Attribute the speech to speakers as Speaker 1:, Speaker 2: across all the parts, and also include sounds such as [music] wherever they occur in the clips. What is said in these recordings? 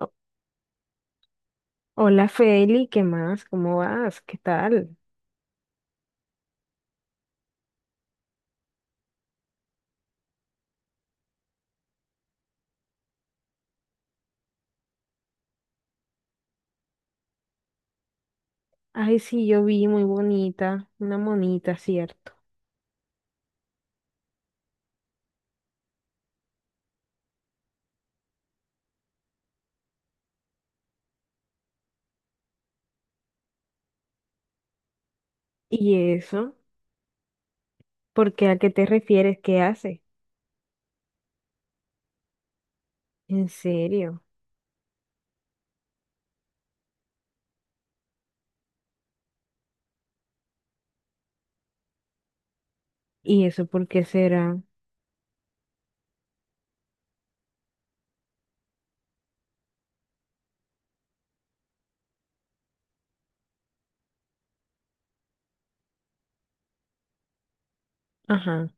Speaker 1: O- Hola Feli, ¿qué más? ¿Cómo vas? ¿Qué tal? Ay, sí, yo vi muy bonita, una monita, ¿cierto? ¿Y eso? ¿Por qué? ¿A qué te refieres? ¿Qué hace? ¿En serio? ¿Y eso por qué será? Ajá.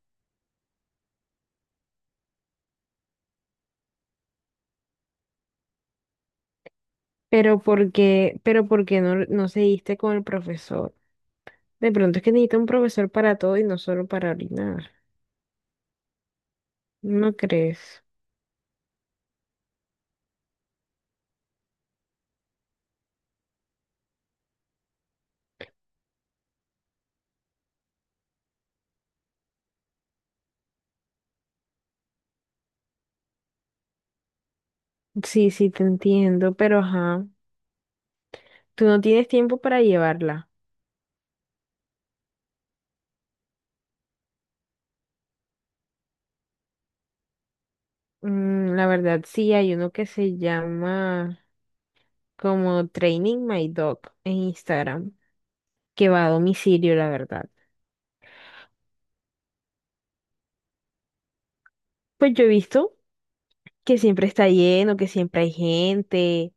Speaker 1: Pero ¿por qué no seguiste con el profesor? De pronto es que necesita un profesor para todo y no solo para orinar. ¿No crees? Sí, sí, te entiendo, pero ajá. Tú no tienes tiempo para llevarla. Mm, la verdad, sí, hay uno que se llama como Training My Dog en Instagram, que va a domicilio, la verdad. Pues yo he visto que siempre está lleno, que siempre hay gente,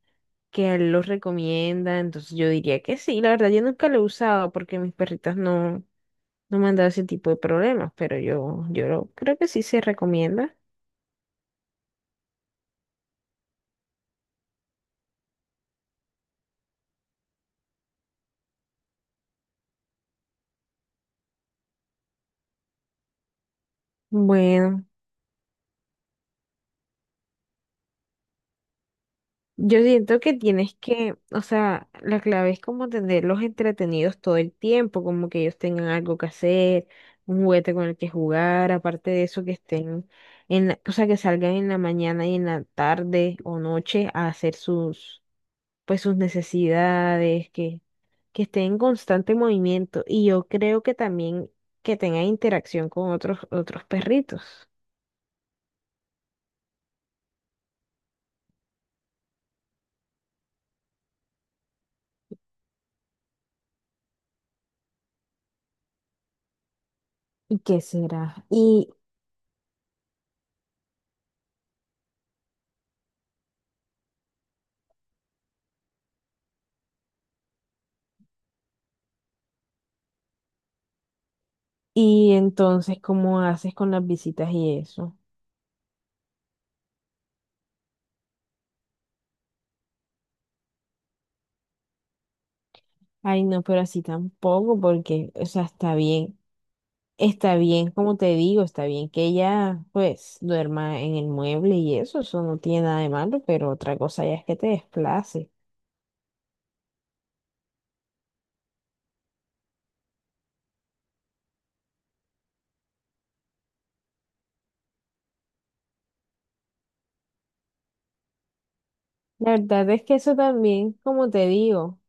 Speaker 1: que a él los recomienda, entonces yo diría que sí. La verdad, yo nunca lo he usado porque mis perritas no me han dado ese tipo de problemas, pero yo creo que sí se recomienda. Bueno. Yo siento que tienes que, o sea, la clave es como tenerlos entretenidos todo el tiempo, como que ellos tengan algo que hacer, un juguete con el que jugar, aparte de eso que estén o sea, que salgan en la mañana y en la tarde o noche a hacer sus, pues sus necesidades, que estén en constante movimiento y yo creo que también que tengan interacción con otros perritos. ¿Y qué será? Y entonces, ¿cómo haces con las visitas y eso? Ay, no, pero así tampoco, porque, o sea, está bien, como te digo, está bien que ella, pues, duerma en el mueble y eso no tiene nada de malo, pero otra cosa ya es que te desplace. La verdad es que eso también,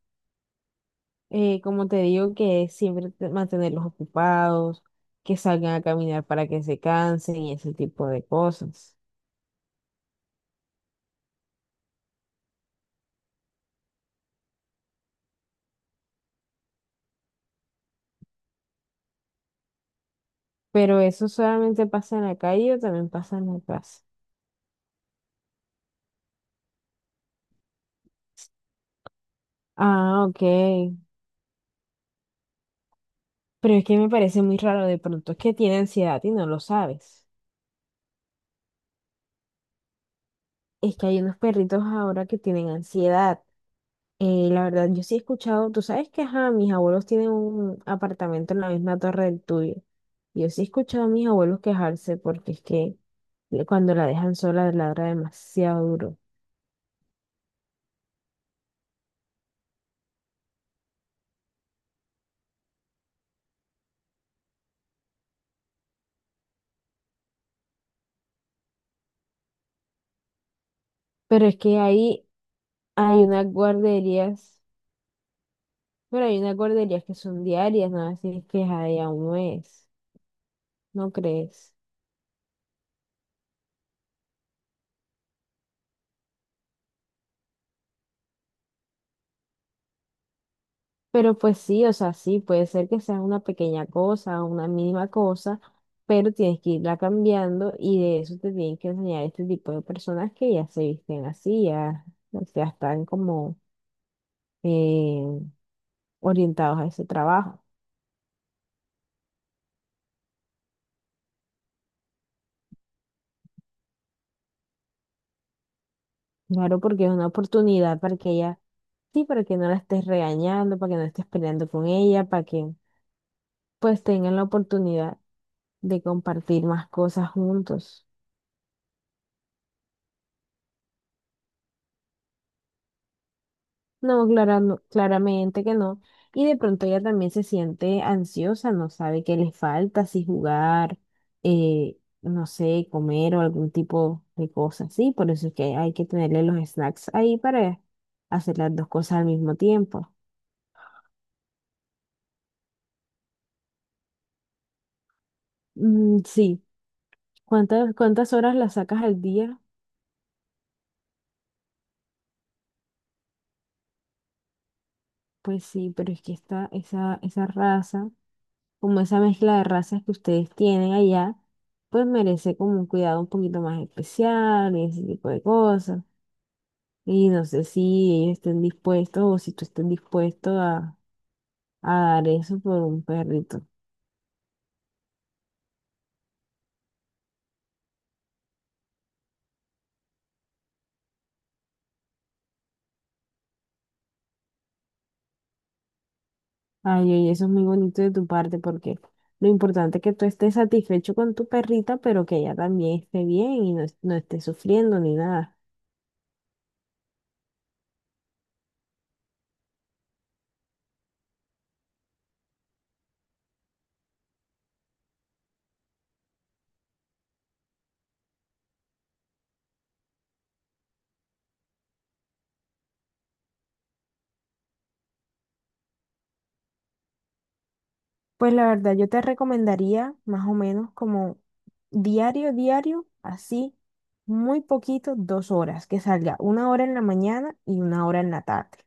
Speaker 1: como te digo, que siempre te- mantenerlos ocupados, que salgan a caminar para que se cansen y ese tipo de cosas. Pero eso solamente pasa en la calle o también pasa en la casa. Ah, ok. Pero es que me parece muy raro, de pronto es que tiene ansiedad y no lo sabes. Es que hay unos perritos ahora que tienen ansiedad. La verdad, yo sí he escuchado, tú sabes que ajá, mis abuelos tienen un apartamento en la misma torre del tuyo. Yo sí he escuchado a mis abuelos quejarse porque es que le- cuando la dejan sola ladra demasiado duro. Pero es que ahí hay unas guarderías, pero hay unas guarderías que son diarias, no así es que ahí a un mes, ¿no crees? Pero pues sí, o sea, sí, puede ser que sea una pequeña cosa, una mínima cosa, pero tienes que irla cambiando y de eso te tienen que enseñar este tipo de personas que ya se visten así, ya, o sea, están como eh, orientados a ese trabajo. Claro, porque es una oportunidad para que ella, sí, para que no la estés regañando, para que no estés peleando con ella, para que pues tengan la oportunidad de compartir más cosas juntos. No, clara- no, claramente que no. Y de pronto ella también se siente ansiosa, no sabe qué le falta, si jugar, no sé, comer o algún tipo de cosa así. Por eso es que hay que tenerle los snacks ahí para hacer las dos cosas al mismo tiempo. Mm, sí, ¿cuántas horas la sacas al día? Pues sí, pero es que esa raza. Como esa mezcla de razas que ustedes tienen allá, pues merece como un cuidado un poquito más especial y ese tipo de cosas. Y no sé si ellos estén dispuestos o si tú estén dispuesto a dar eso por un perrito. Ay, oye, eso es muy bonito de tu parte porque lo importante es que tú estés satisfecho con tu perrita, pero que ella también esté bien y no, es- no esté sufriendo ni nada. Pues la verdad, yo te recomendaría más o menos como diario, diario, así, muy poquito, dos horas, que salga una hora en la mañana y una hora en la tarde.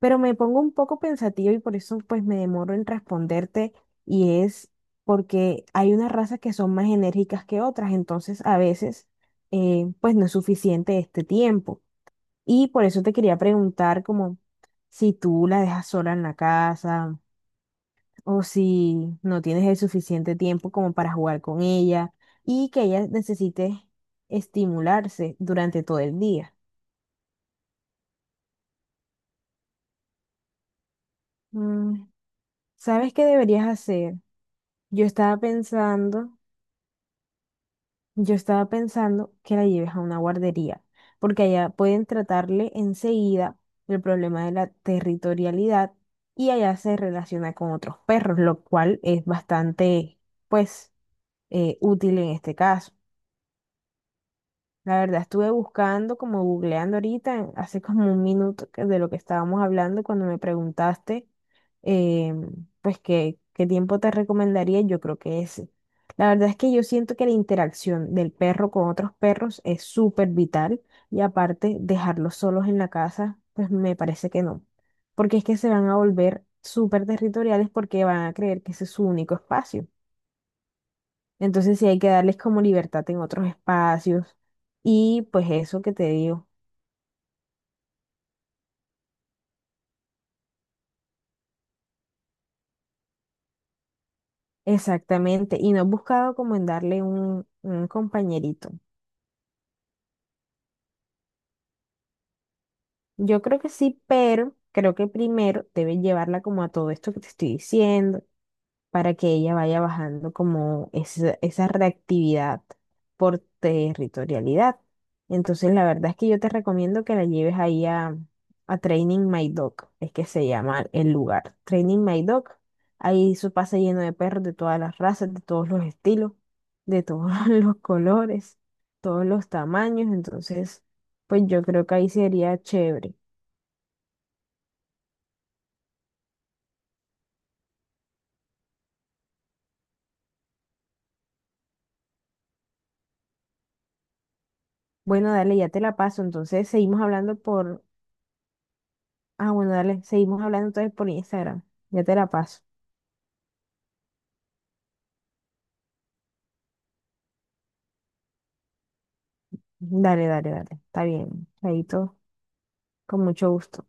Speaker 1: Pero me pongo un poco pensativa y por eso pues me demoro en responderte y es porque hay unas razas que son más enérgicas que otras, entonces a veces pues no es suficiente este tiempo. Y por eso te quería preguntar como si tú la dejas sola en la casa o si no tienes el suficiente tiempo como para jugar con ella y que ella necesite estimularse durante todo el día. Mm, ¿sabes qué deberías hacer? Yo estaba pensando, yo estaba pensando que la lleves a una guardería, porque allá pueden tratarle enseguida el problema de la territorialidad y allá se relaciona con otros perros, lo cual es bastante, pues, útil en este caso. La verdad, estuve buscando, como googleando ahorita, en- hace como un minuto que- de lo que estábamos hablando cuando me preguntaste, eh, pues, qué, qué tiempo te recomendaría, yo creo que ese. La verdad es que yo siento que la interacción del perro con otros perros es súper vital y aparte dejarlos solos en la casa, pues me parece que no, porque es que se van a volver súper territoriales porque van a creer que ese es su único espacio. Entonces sí hay que darles como libertad en otros espacios. Y pues eso que te digo, exactamente. Y no he buscado como en darle un compañerito. Yo creo que sí, pero creo que primero debes llevarla como a todo esto que te estoy diciendo para que ella vaya bajando como esa reactividad por territorialidad. Entonces, la verdad es que yo te recomiendo que la lleves ahí a Training My Dog, es que se llama el lugar. Training My Dog, ahí eso pasa lleno de perros de todas las razas, de todos los estilos, de todos [laughs] los colores, todos los tamaños. Entonces, pues yo creo que ahí sería chévere. Bueno, dale, ya te la paso. Entonces, seguimos hablando por. Ah, bueno, dale, seguimos hablando entonces por Instagram. Ya te la paso. Dale, dale, dale. Está bien. Chaito, con mucho gusto.